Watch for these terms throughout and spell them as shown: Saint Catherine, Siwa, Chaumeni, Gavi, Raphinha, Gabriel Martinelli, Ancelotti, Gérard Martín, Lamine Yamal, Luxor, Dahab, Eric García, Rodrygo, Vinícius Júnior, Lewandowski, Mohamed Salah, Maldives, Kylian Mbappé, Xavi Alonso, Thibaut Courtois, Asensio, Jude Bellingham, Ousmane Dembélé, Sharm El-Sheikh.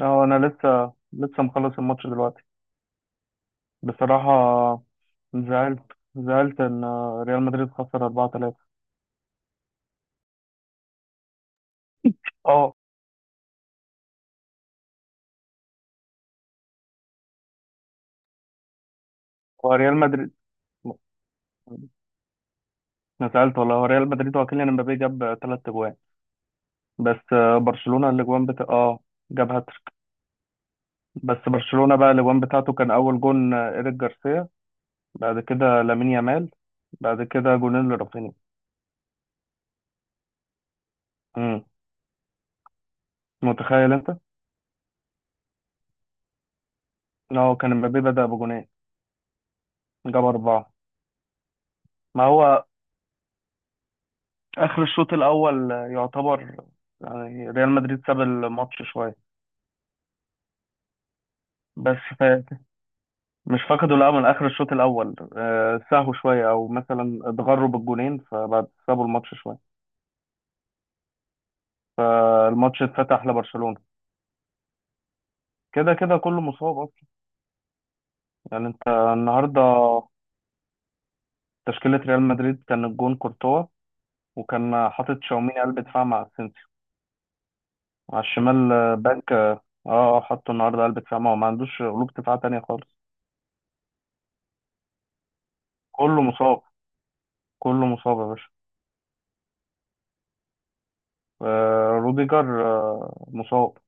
اه، انا لسه مخلص الماتش دلوقتي. بصراحة، زعلت زعلت ان ريال مدريد خسر 4-3. اه. هو ريال مدريد. انا زعلت والله، هو ريال مدريد وكيليان امبابي جاب ثلاث اجوان. بس برشلونة الاجوان اه. جاب هاتريك. بس برشلونة بقى الاجوان بتاعته كان اول جون ايريك جارسيا. بعد كده لامين يامال. بعد كده جونين لرافينيا. امم. متخيل انت؟ اه، كان امبابي بدأ بجونين. جاب اربعة. ما هو اخر الشوط الاول يعتبر، يعني ريال مدريد ساب الماتش شويه. بس مش فقدوا الامل اخر الشوط الاول، ساهوا شويه او مثلا اتغروا بالجونين، فبعد سابوا الماتش شويه. فالماتش اتفتح لبرشلونه. كده كده كله مصاب اصلا. يعني انت النهارده، تشكيله ريال مدريد كان الجون كورتوا. وكان حاطط شاوميني قلب دفاع مع اسينسيو على الشمال باك اه. حطه النهارده قلب دفاع، ما هو ما عندوش قلوب دفاع تانية خالص. كله مصاب. كله مصاب يا باشا. آه، روديجر مصاب.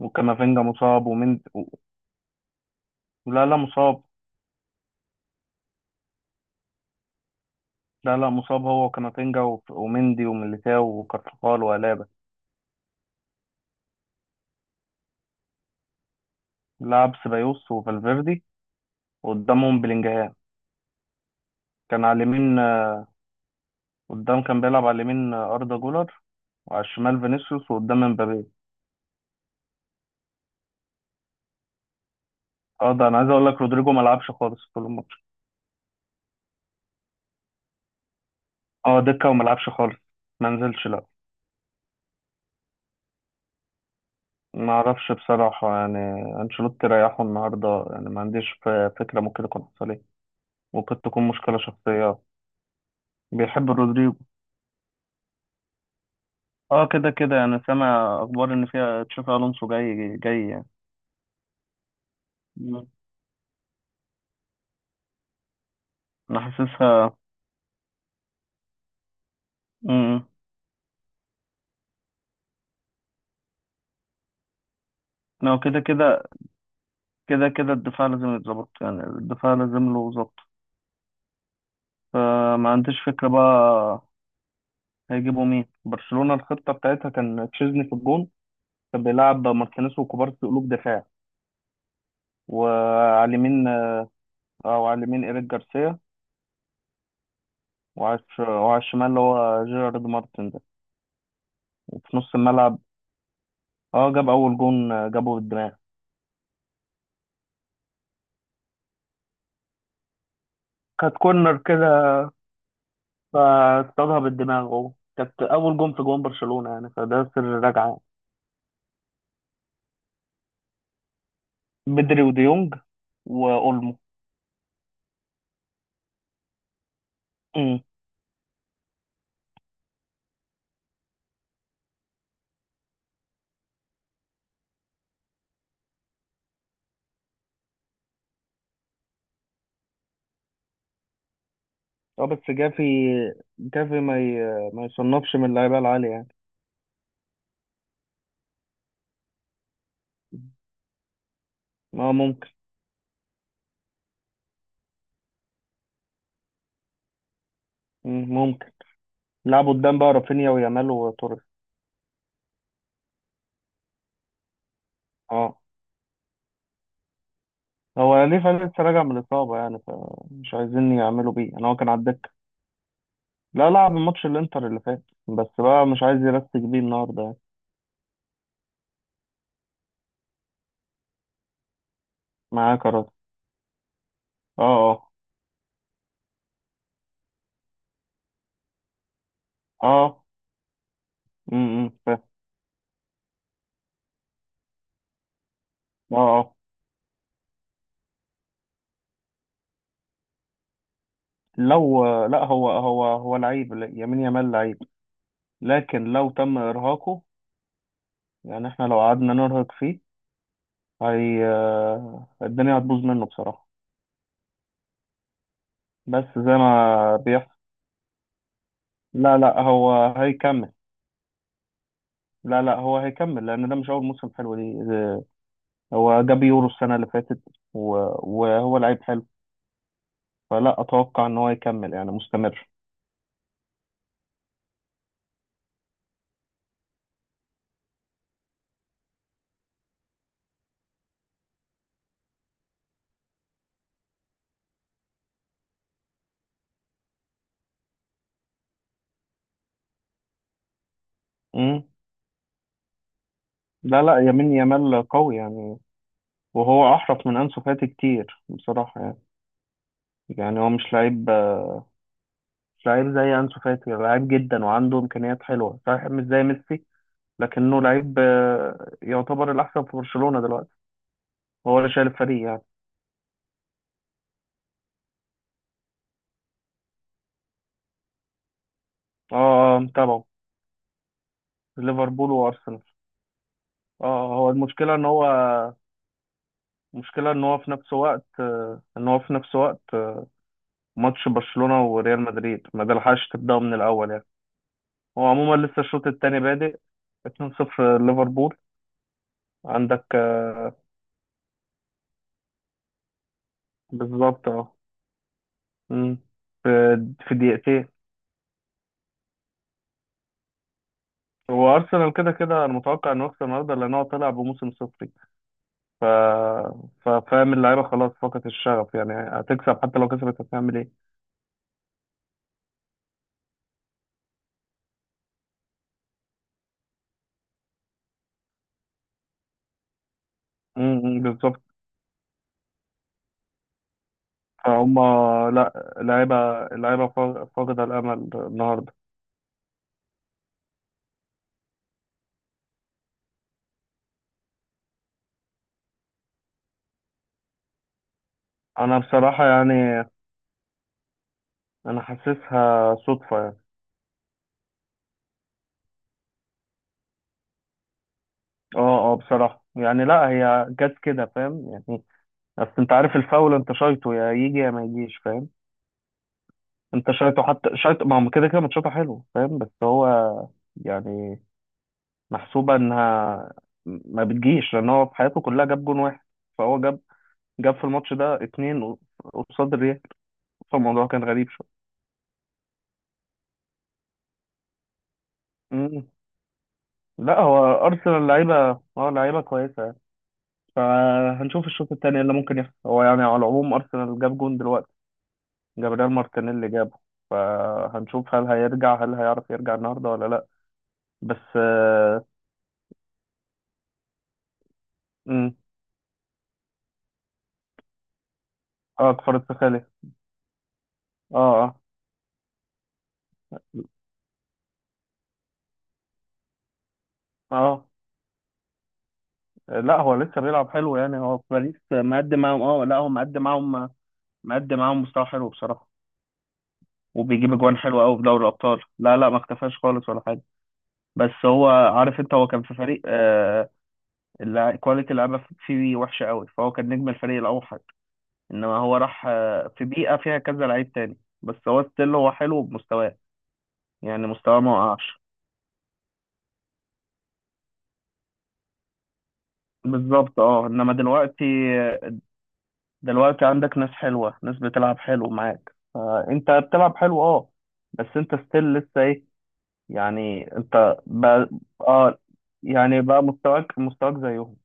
وكامافينجا مصاب ومند لا، لا، مصاب. لا، لا، مصاب هو وكامافينجا ومندي وميليتاو وكارفخال وألابا. لعب سيبايوس وفالفيردي، وقدامهم بلينجهام. كان على اليمين قدام كان بيلعب على اليمين أردا جولر. وعلى الشمال فينيسيوس، وقدام مبابي. اه، ده انا عايز اقول لك، رودريجو ما لعبش خالص طول الماتش. اه، دكة وما لعبش خالص. ما نزلش لا. ما اعرفش بصراحة يعني. انشيلوتي ريحه النهارده، يعني ما عنديش فكرة ممكن يكون حصل ايه. وقد تكون مشكلة شخصية. بيحب رودريجو. اه، كده كده انا سامع اخبار ان فيها تشافي الونسو جاي جاي يعني. مم. انا حاسسها. امم. هو كده كده الدفاع لازم يتظبط، يعني الدفاع لازم له ظبط. فما عنديش فكرة بقى. هيجيبوا مين برشلونة؟ الخطة بتاعتها كان تشيزني في الجون. كان بيلعب ماركينيز وكوبارسي قلوب دفاع. وعلى اليمين او على اليمين ايريك جارسيا. وعلى الشمال اللي هو جيرارد مارتن ده. وفي نص الملعب، اه جاب اول جون جابه بالدماغ. كانت كورنر كده. فاصطادها بالدماغ، هو كانت اول جون في جون برشلونة يعني، فده سر الرجعة. بدري وديونج واولمو. امم. اه، بس جافي ما يصنفش من اللعيبة العالية يعني. اه، ممكن. ممكن. لعبوا قدام بقى رافينيا ويامال وتوريس. اه، هو ليفا لسه راجع من الإصابة، يعني فمش عايزين يعملوا بيه، يعني هو كان على الدكة. لا، لعب ماتش الإنتر اللي فات، بس بقى مش عايز يرسك بيه النهاردة يعني. معاه كرات. اه. اه. اه. امم، فاهم. اه، اه. لو لا هو لعيب، يمين يامال لعيب. لكن لو تم ارهاقه، يعني احنا لو قعدنا نرهق فيه، هي الدنيا هتبوظ منه بصراحة. بس زي ما بيحصل. لا، لا، هو هيكمل. لا، لا، هو هيكمل، لان ده مش اول موسم حلو دي. هو جاب يورو السنة اللي فاتت. و- وهو لعيب حلو. فلا اتوقع ان هو يكمل، يعني مستمر. امم. لا، لا، يمين يامال قوي يعني. وهو احرف من انسو فاتي كتير بصراحة يعني. يعني هو مش لعيب. مش لعيب زي أنسو فاتي. لعيب جدا وعنده إمكانيات حلوة صحيح، مش زي ميسي، لكنه لعيب، يعتبر الأحسن في برشلونة دلوقتي. هو اللي شايل الفريق يعني. اه، متابعه. ليفربول وأرسنال. اه، هو المشكلة إن هو في نفس وقت آه، إن هو في نفس وقت آه، ماتش برشلونة وريال مدريد، ما دلحقش تبدأه من الأول يعني. هو عموما لسه الشوط التاني بادئ. 2-0 ليفربول. عندك بالظبط اه. مم. في في دقيقتين. هو ارسنال كده كده، انا متوقع انه يخسر النهارده، لان هو طلع بموسم صفري. ف... فاهم، اللعيبه خلاص فقدت الشغف، يعني هتكسب. حتى لو كسبت هتعمل ايه؟ امم، بالظبط. فهم. لا، لعيبه، فاقده الامل النهارده. انا بصراحه يعني، انا حاسسها صدفه يعني. اه، اه، بصراحه يعني، لا هي جت كده، فاهم يعني. بس انت عارف، الفاول انت شايطه، يا يجي يا ما يجيش، فاهم. انت شايطه، حتى شايطه، ما هو كده كده ماتشاته حلو، فاهم، بس هو يعني محسوبة انها ما بتجيش، لان هو في حياته كلها جاب جون واحد. فهو جاب في الماتش ده اتنين، قصاد الريال. فالموضوع كان غريب شوية. مم. لا، هو ارسنال لعيبة. اه، لعيبة كويسة يعني. فهنشوف الشوط التاني إيه اللي ممكن يحصل. هو يعني على العموم ارسنال جاب جون دلوقتي. جابريال مارتينيلي جابه. فهنشوف هل هيرجع، هل هيعرف يرجع النهارده ولا لا. بس اه. مم. كفارة سخالي. اه، اه. اه. لا، هو لسه بيلعب حلو يعني. هو في باريس مقدم معاهم. اه، لا، هو مقدم معاهم. مقدم معاهم مستوى حلو بصراحة. وبيجيب اجوان حلوة قوي في دوري الابطال. لا، لا، ما اختفاش خالص ولا حاجة. بس هو، عارف انت، هو كان في فريق كواليتي اللعيبة فيه وحشة قوي، فهو كان نجم الفريق الاوحد. انما هو راح في بيئة فيها كذا لعيب تاني، بس هو ستيل هو حلو بمستواه. يعني مستواه ما وقعش. بالظبط اه. انما دلوقتي، دلوقتي عندك ناس حلوة، ناس بتلعب حلو معاك، فأنت بتلعب حلو اه. بس أنت ستيل لسه إيه، يعني أنت بقى، اه، يعني بقى مستواك زيهم.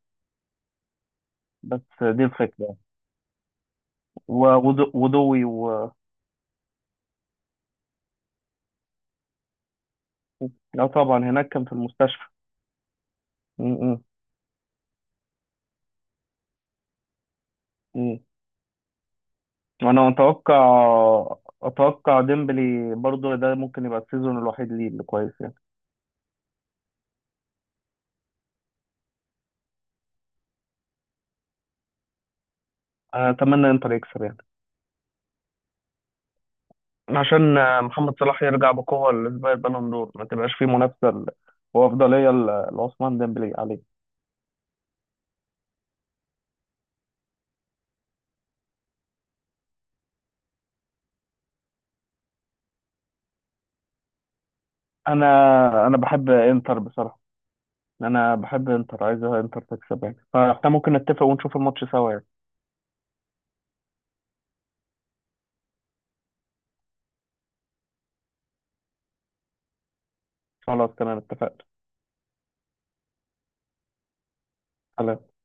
بس دي الفكرة. وغدو- وضوي و لا طبعا، هناك كان في المستشفى. م- م- م. وأنا أتوقع ديمبلي برضو، ده ممكن يبقى السيزون الوحيد ليه اللي كويس يعني. أنا أتمنى إنتر يكسب يعني، عشان محمد صلاح يرجع بقوة لسباق البالون دور، ما تبقاش فيه منافسة وأفضلية لعثمان ديمبلي عليه. أنا أنا بحب إنتر بصراحة. أنا بحب إنتر، عايز إنتر تكسب يعني. فإحنا ممكن نتفق ونشوف الماتش سوا يعني. خلاص، تمام، اتفقنا.